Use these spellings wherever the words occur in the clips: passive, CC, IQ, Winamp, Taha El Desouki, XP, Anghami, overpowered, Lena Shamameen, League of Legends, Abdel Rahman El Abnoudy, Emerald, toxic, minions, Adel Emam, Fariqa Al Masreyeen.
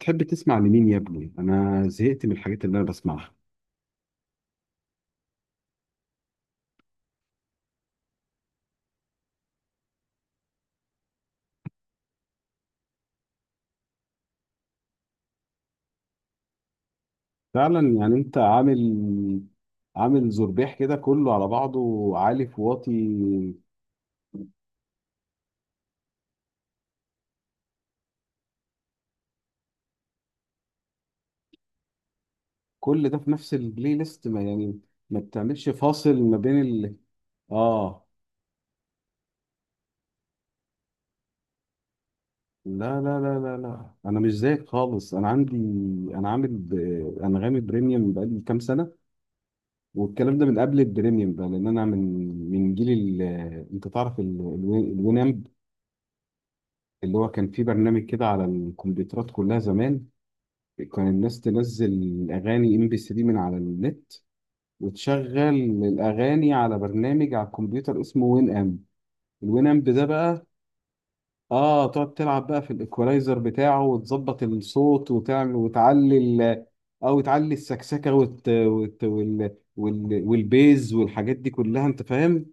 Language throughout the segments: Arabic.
تحب تسمع لمين يا ابني؟ أنا زهقت من الحاجات اللي أنا بسمعها. فعلا يعني أنت عامل زربيح كده، كله على بعضه، عالي في واطي. كل ده في نفس البلاي ليست ما يعني؟ ما بتعملش فاصل ما بين ال آه لا لا لا لا لا، أنا مش زيك خالص. أنا عندي، أنا عامل أنغامي بريميوم بقالي كام سنة. والكلام ده من قبل البريميوم بقى، لأن أنا من جيل ال... أنت تعرف الوينامب، اللي هو كان في برنامج كده على الكمبيوترات كلها زمان. كان الناس تنزل اغاني MP3 من على النت، وتشغل الاغاني على برنامج على الكمبيوتر اسمه وين ام. الوين ام ده بقى، اه تقعد تلعب بقى في الايكولايزر بتاعه وتظبط الصوت وتعمل وتعلي او تعلي السكسكه والبيز والحاجات دي كلها، انت فاهم.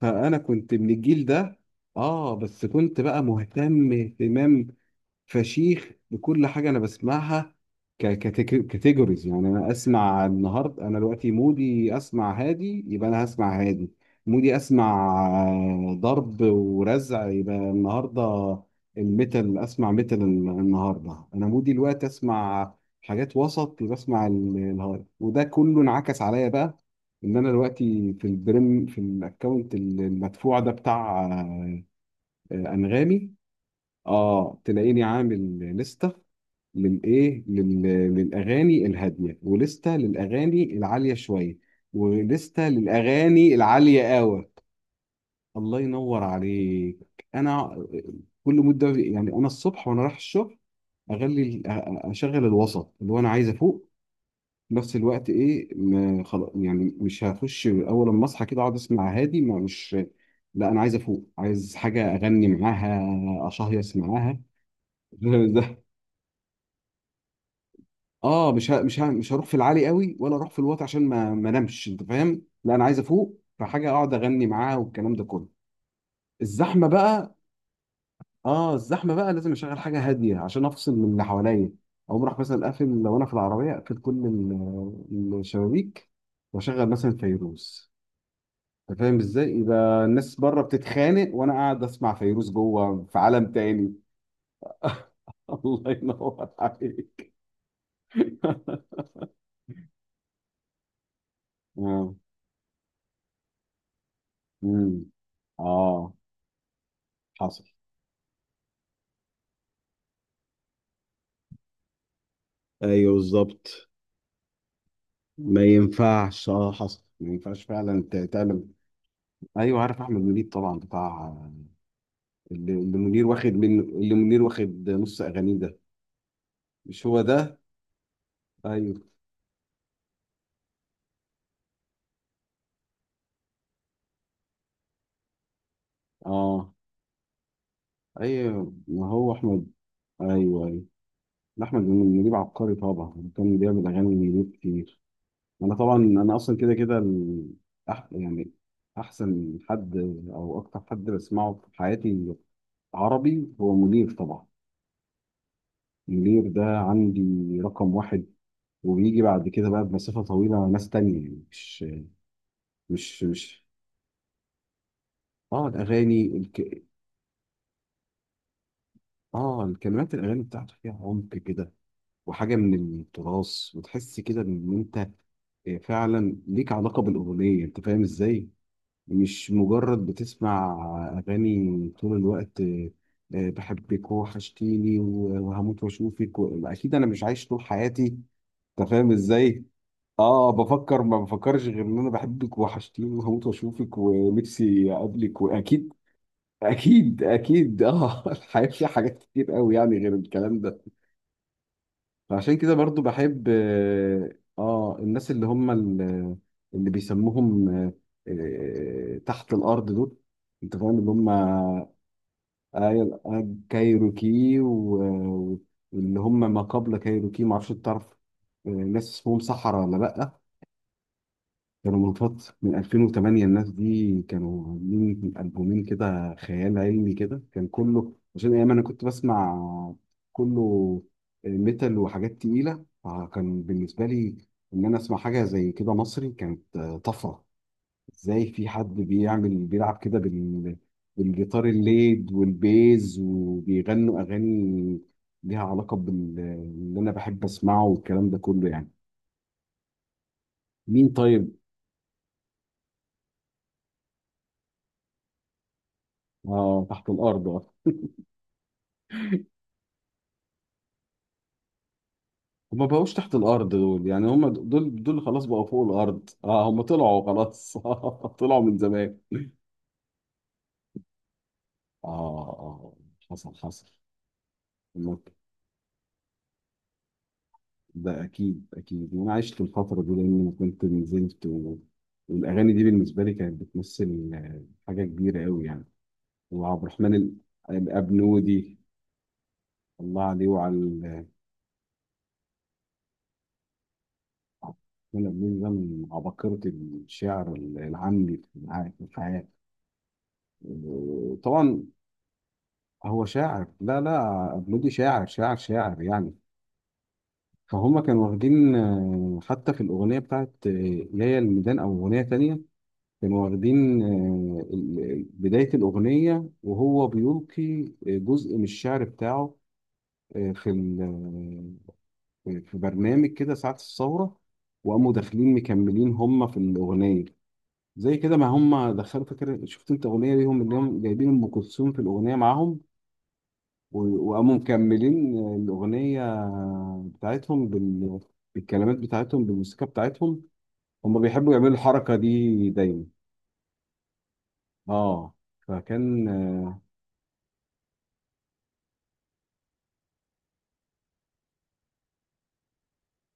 فانا كنت من الجيل ده. اه بس كنت بقى مهتم اهتمام فشيخ بكل حاجه انا بسمعها ككاتيجوريز، يعني انا اسمع النهارده، انا دلوقتي مودي اسمع هادي، يبقى انا هسمع هادي. مودي اسمع ضرب ورزع، يبقى النهارده الميتال اسمع ميتال. النهارده انا مودي الوقت اسمع حاجات وسط، يبقى اسمع الهارد. وده كله انعكس عليا بقى، ان انا دلوقتي في البريم في الاكونت المدفوع ده بتاع انغامي. اه تلاقيني عامل لستة للايه لل... للاغاني الهاديه، ولستة للاغاني العاليه شويه، ولستة للاغاني العاليه قوي. الله ينور عليك. انا كل مده يعني، انا الصبح وانا رايح الشغل اغلي اشغل الوسط، اللي هو انا عايز افوق في نفس الوقت. ايه ما خلاص يعني، مش هخش اول ما اصحى كده اقعد اسمع هادي، ما مش، لا، انا عايز افوق، عايز حاجه اغني معاها اشهيص معاها. اه مش هروح في العالي قوي، ولا اروح في الواطي عشان ما انامش، انت فاهم. لا انا عايز افوق، فحاجه اقعد اغني معاها والكلام ده كله. الزحمه بقى، اه الزحمه بقى لازم اشغل حاجه هاديه عشان افصل من اللي حواليا. او راح مثلا اقفل، لو انا في العربيه اقفل كل الشبابيك، واشغل مثلا فيروز. انت فاهم ازاي؟ يبقى الناس بره بتتخانق وانا قاعد اسمع فيروز جوه في عالم تاني. الله ينور عليك. آه. مم. اه، حصل. ايوه بالظبط. ما ينفعش، اه حصل، ما ينفعش فعلا تعلم. ايوه عارف احمد منيب طبعا، بتاع اللي منير واخد منه، اللي منير واخد نص اغانيه ده. مش هو ده؟ ايوه. اه، ايوه، ما هو احمد. ايوه ايوه. لا، احمد منيب عبقري طبعا، كان بيعمل اغاني منير كتير. انا طبعا، انا اصلا كده كده يعني احسن حد، او اكتر حد بسمعه في حياتي عربي، هو منير طبعا. منير ده عندي رقم واحد. وبيجي بعد كده بقى بمسافة طويلة مع ناس تانية، يعني مش اه الأغاني الك... اه الكلمات الأغاني بتاعته فيها عمق كده، وحاجة من التراث، وتحس كده إن أنت فعلا ليك علاقة بالأغنية، أنت فاهم إزاي؟ مش مجرد بتسمع أغاني طول الوقت بحبك وحشتيني وهموت وأشوفك أكيد أنا مش عايش طول حياتي. أنت فاهم إزاي؟ اه بفكر، ما بفكرش غير ان انا بحبك وحشتيني وهموت واشوفك ونفسي اقابلك واكيد اكيد اكيد، اه. الحياه فيها حاجات كتير قوي يعني غير الكلام ده. فعشان كده برضو بحب الناس اللي هم اللي بيسموهم تحت الارض دول، انت فاهم اللي هم كايروكي واللي هم ما قبل كايروكي، ما اعرفش تعرف ناس اسمهم صحراء ولا لا. كانوا من فترة من 2008، الناس دي كانوا عاملين ألبومين كده خيال علمي كده، كان كله عشان أيام أنا كنت بسمع كله ميتال وحاجات تقيلة. فكان بالنسبة لي إن أنا أسمع حاجة زي كده مصري كانت طفرة. إزاي في حد بيعمل بيلعب كده بالجيتار الليد والبيز، وبيغنوا أغاني ليها علاقة باللي أنا بحب أسمعه والكلام ده كله يعني. مين طيب؟ آه تحت الأرض. هما بقوش تحت الارض دول يعني، هما دول خلاص بقوا فوق الارض، اه هما طلعوا خلاص، طلعوا من زمان. اه اه آه، حصل حصل. ممكن. ده اكيد اكيد، وانا عشت الفتره دي لان انا كنت نزلت والاغاني دي بالنسبه لي كانت بتمثل حاجه كبيره قوي يعني. وعبد الرحمن الابنودي، الله عليه وعلى عبد الرحمن الابنودي ده من عباقره الشعر العامي في في الحياه، طبعا. هو شاعر، لا لا مودي شاعر شاعر شاعر يعني. فهم كانوا واخدين حتى في الأغنية بتاعت يا يا الميدان أو أغنية تانية، كانوا واخدين بداية الأغنية، وهو بيلقي جزء من الشعر بتاعه آه، في ال- آه، في برنامج كده ساعة الثورة، وقاموا داخلين مكملين هم في الأغنية. زي كده ما هم دخلوا فكرة، شفت انت أغنية ليهم اللي هم جايبين أم كلثوم في الأغنية معاهم وقاموا مكملين الأغنية بتاعتهم بالكلمات بتاعتهم، بالموسيقى بتاعتهم. هم بيحبوا يعملوا الحركة دي دايما. اه، فكان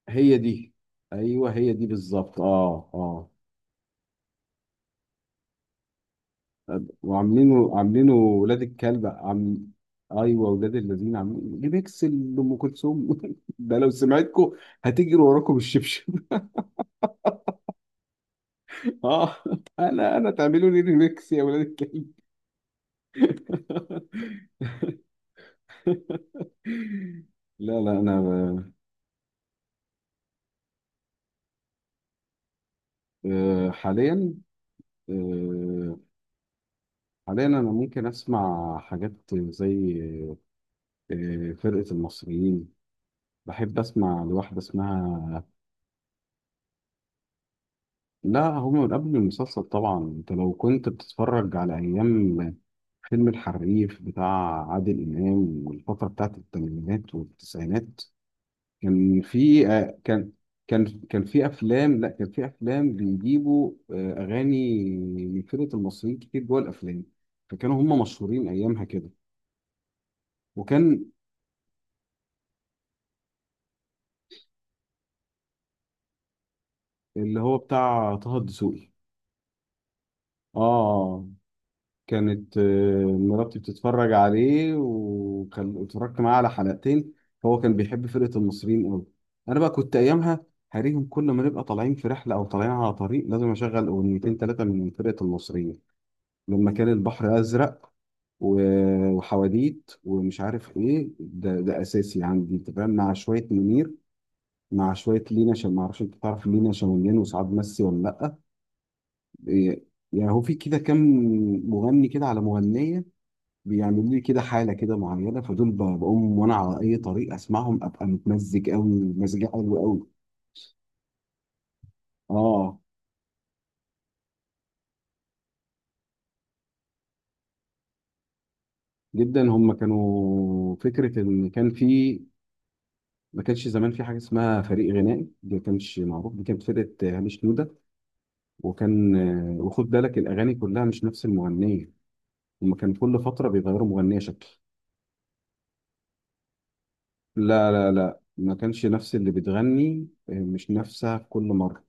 هي دي. ايوه هي دي بالظبط، اه اه. وعاملينه ولاد الكلب عم. ايوه ولاد الذين عاملين ريميكس لام كلثوم، ده لو سمعتكم هتجري وراكم الشبشب. اه انا تعملوا لي ريميكس يا ولاد الكلب. لا لا انا حاليا، آه، انا ممكن اسمع حاجات زي فرقة المصريين. بحب اسمع لواحدة اسمها. لا هم من قبل المسلسل طبعا، انت لو كنت بتتفرج على ايام فيلم الحريف بتاع عادل امام والفترة بتاعت الثمانينات والتسعينات. كان في كان في افلام، لا كان في افلام بيجيبوا اغاني من فرقة المصريين كتير جوه الافلام. فكانوا هم مشهورين ايامها كده. وكان اللي هو بتاع طه الدسوقي. اه آه، كانت مراتي بتتفرج عليه وكان اتفرجت معاه على حلقتين، هو كان بيحب فرقة المصريين قوي. انا بقى كنت ايامها هريهم، كل ما نبقى طالعين في رحلة او طالعين على طريق لازم اشغل اغنيتين 3 من فرقة المصريين. لما كان البحر ازرق وحواديت ومش عارف ايه، ده ده اساسي عندي انت فاهم، مع شوية منير، مع شوية لينا، عشان ما اعرفش انت تعرف لينا شمالين وسعاد مسي ولا لا. إيه، يعني هو في كده كام مغني كده على مغنية بيعملوا لي كده حالة كده معينة، فدول بقوم وأنا على أي طريق أسمعهم أبقى متمزج أوي، مزاجي حلو أوي. آه جدا. هم كانوا فكرة إن كان في ما كانش زمان في حاجة اسمها فريق غنائي، دي ما كانش معروف. دي كانت فرقة هامش نوده، وكان وخد بالك الأغاني كلها مش نفس المغنية. هم كان كل فترة بيغيروا مغنية شكل. لا لا لا ما كانش نفس اللي بتغني، مش نفسها في كل مرة.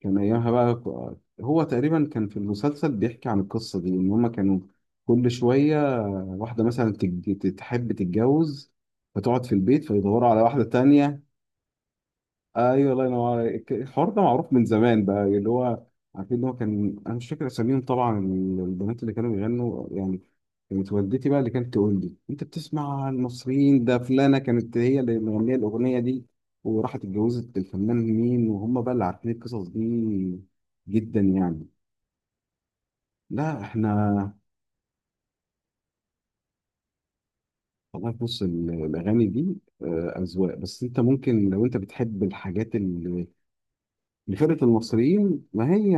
كان ايامها بقى هو تقريبا كان في المسلسل بيحكي عن القصه دي ان هما كانوا كل شويه واحده مثلا تحب تتجوز فتقعد في البيت فيدوروا على واحده تانية. ايوه الله ينور عليك، الحوار ده معروف من زمان بقى، اللي هو عارفين ان هو كان، انا مش فاكر اساميهم طبعا البنات اللي كانوا بيغنوا يعني. كانت والدتي بقى اللي كانت تقول لي انت بتسمع المصريين ده، فلانه كانت هي اللي مغنيه الاغنيه دي وراحت اتجوزت الفنان مين، وهم بقى اللي عارفين القصص دي جدا يعني. لا احنا، والله بص الاغاني دي اذواق، بس انت ممكن لو انت بتحب الحاجات اللي فرقه المصريين، ما هي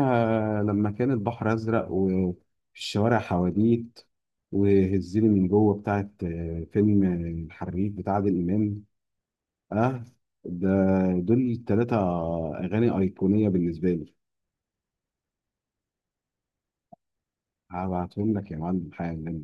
لما كان البحر ازرق، وفي الشوارع حواديت، وهزيني من جوه بتاعت فيلم الحريف بتاع عادل امام. اه، ده دول 3 أغاني أيقونية بالنسبة لي. هبعتهم لك يا معلم حالا.